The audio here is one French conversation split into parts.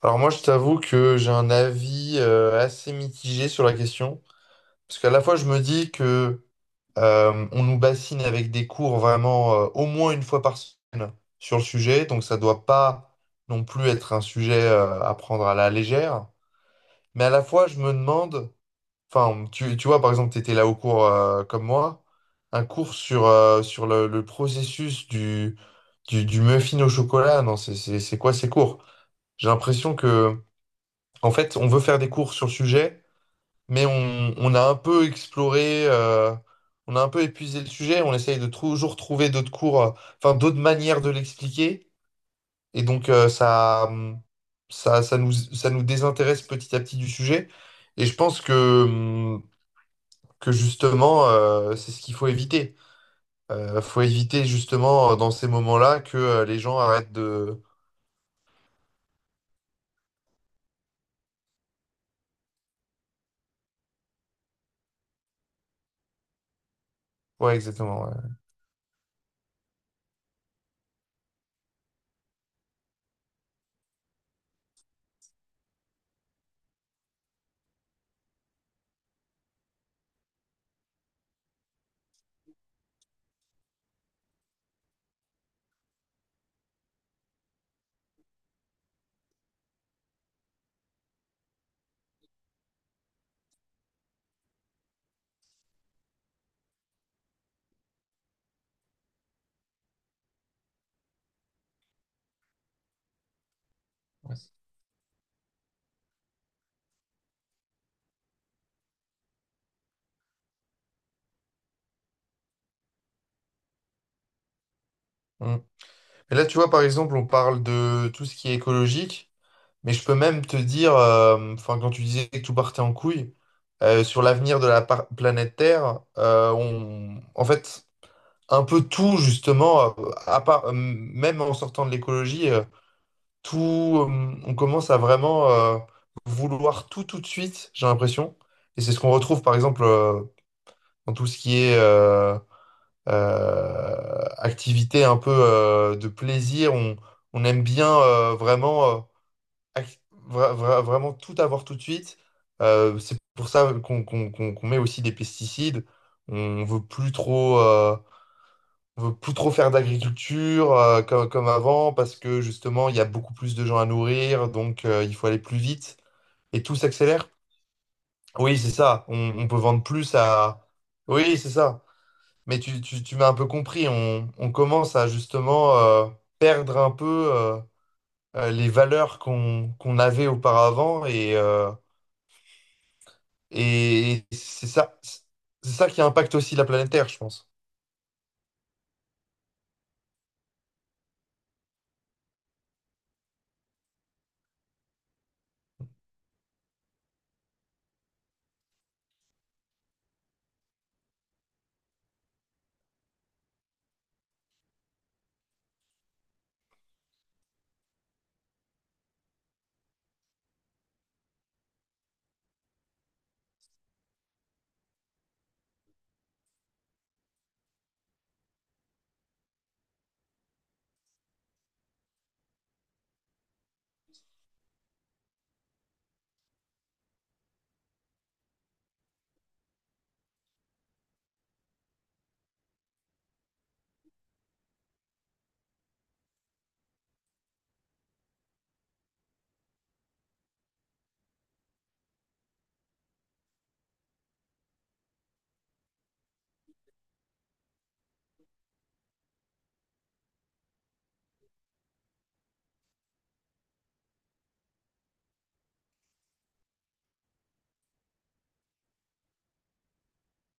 Alors moi, je t'avoue que j'ai un avis assez mitigé sur la question, parce qu'à la fois, je me dis que on nous bassine avec des cours vraiment au moins une fois par semaine sur le sujet, donc ça doit pas non plus être un sujet à prendre à la légère. Mais à la fois, je me demande, enfin, tu vois, par exemple, tu étais là au cours comme moi, un cours sur, sur le processus du muffin au chocolat. Non, c'est quoi ces cours? J'ai l'impression que... En fait, on veut faire des cours sur le sujet, mais on a un peu exploré, on a un peu épuisé le sujet, on essaye de toujours trouver d'autres cours, enfin d'autres manières de l'expliquer, et donc ça, ça, ça nous désintéresse petit à petit du sujet, et je pense que justement, c'est ce qu'il faut éviter. Faut éviter justement dans ces moments-là que les gens arrêtent de... Ouais, exactement. Ouais. Ouais. Hum. Mais là, tu vois, par exemple, on parle de tout ce qui est écologique. Mais je peux même te dire, enfin, quand tu disais que tout partait en couille, sur l'avenir de la planète Terre, en fait, un peu tout, justement, à part, même en sortant de l'écologie, tout, on commence à vraiment vouloir tout tout de suite, j'ai l'impression. Et c'est ce qu'on retrouve, par exemple, dans tout ce qui est activité un peu de plaisir. On aime bien vraiment. Ac- vraiment tout avoir tout de suite. C'est pour ça qu'on met aussi des pesticides. On veut plus trop, on veut plus trop faire d'agriculture comme avant parce que justement il y a beaucoup plus de gens à nourrir, donc il faut aller plus vite et tout s'accélère. Oui, c'est ça. On peut vendre plus à. Oui, c'est ça. Mais tu m'as un peu compris. On commence à justement perdre un peu les valeurs qu'on avait auparavant et, et c'est ça qui impacte aussi la planète Terre, je pense.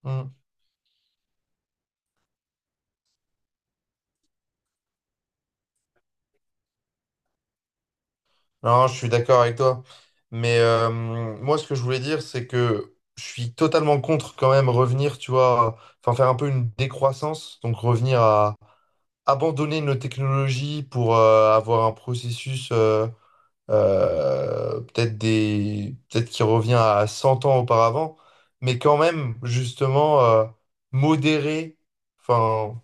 Mm. Non, je suis d'accord avec toi. Mais moi, ce que je voulais dire, c'est que je suis totalement contre quand même revenir, tu vois, enfin faire un peu une décroissance, donc revenir à abandonner nos technologies pour avoir un processus peut-être peut-être qui revient à 100 ans auparavant, mais quand même, justement, modérer. Enfin,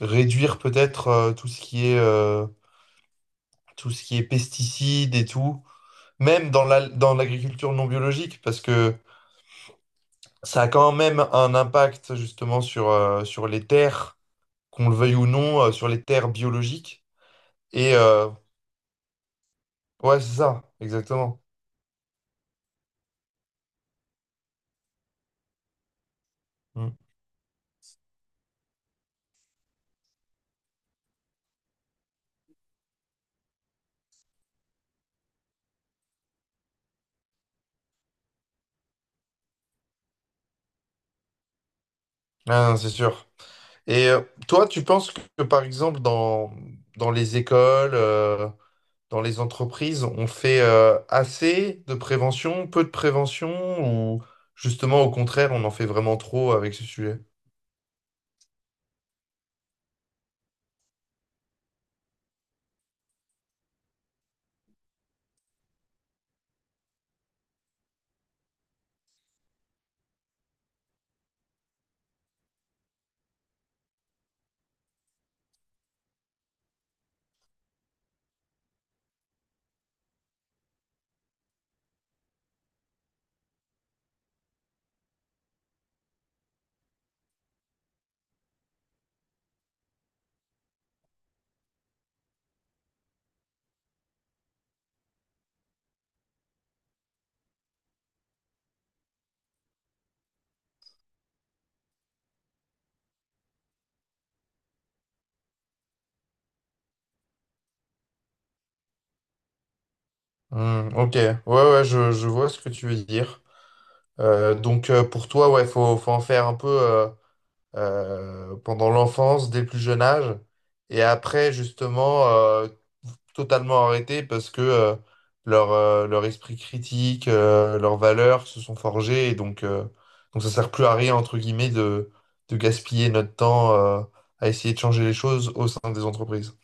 réduire peut-être tout ce qui est tout ce qui est pesticides et tout, même dans dans l'agriculture non biologique, parce que ça a quand même un impact justement sur, sur les terres, qu'on le veuille ou non, sur les terres biologiques. Et ouais, c'est ça, exactement. Mm. Ah, non, c'est sûr. Et toi, tu penses que par exemple dans, dans les écoles, dans les entreprises, on fait assez de prévention, peu de prévention, ou justement au contraire, on en fait vraiment trop avec ce sujet? Hmm, ok, ouais, ouais, je vois ce que tu veux dire. Donc pour toi, ouais, faut en faire un peu. Pendant l'enfance, dès le plus jeune âge, et après justement totalement arrêté parce que leur, leur esprit critique, leurs valeurs se sont forgées, et donc ça sert plus à rien, entre guillemets, de gaspiller notre temps à essayer de changer les choses au sein des entreprises.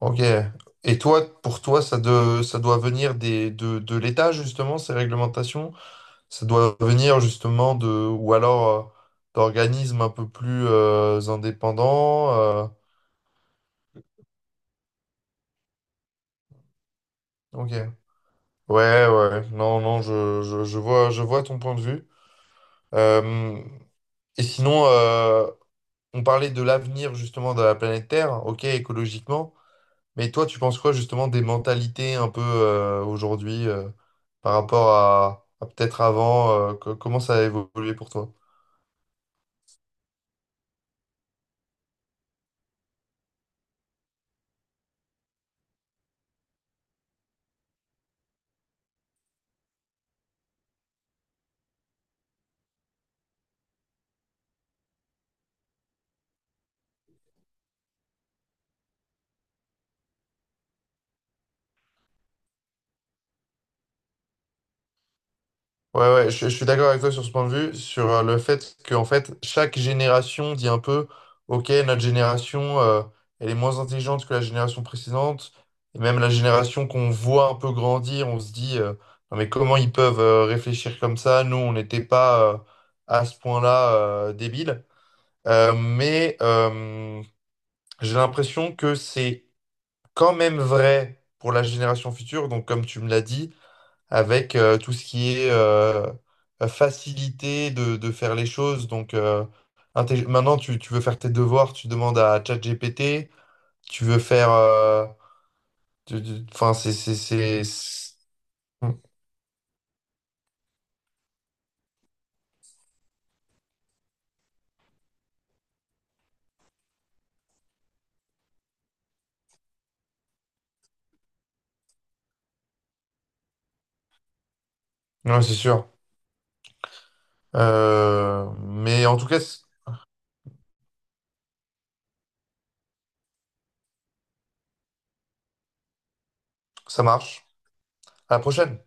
Ok. Et toi, pour toi, ça doit venir de l'État, justement, ces réglementations? Ça doit venir justement de, ou alors d'organismes un peu plus indépendants. Euh, ok. Ouais, ouais. Non, non, je vois ton point de vue. Euh, et sinon, on parlait de l'avenir justement de la planète Terre, ok, écologiquement. Mais toi, tu penses quoi justement des mentalités un peu aujourd'hui par rapport à peut-être avant, comment ça a évolué pour toi? Ouais, ouais, je suis d'accord avec toi sur ce point de vue, sur le fait que en fait, chaque génération dit un peu, OK, notre génération, elle est moins intelligente que la génération précédente, et même la génération qu'on voit un peu grandir, on se dit, non mais comment ils peuvent réfléchir comme ça? Nous, on n'était pas à ce point-là débiles. Mais j'ai l'impression que c'est quand même vrai pour la génération future, donc comme tu me l'as dit avec tout ce qui est facilité de faire les choses. Donc maintenant, tu veux faire tes devoirs, tu demandes à ChatGPT, tu veux faire... Enfin, c'est- Hmm. Ouais, c'est sûr. Mais en tout cas, c- ça marche. À la prochaine.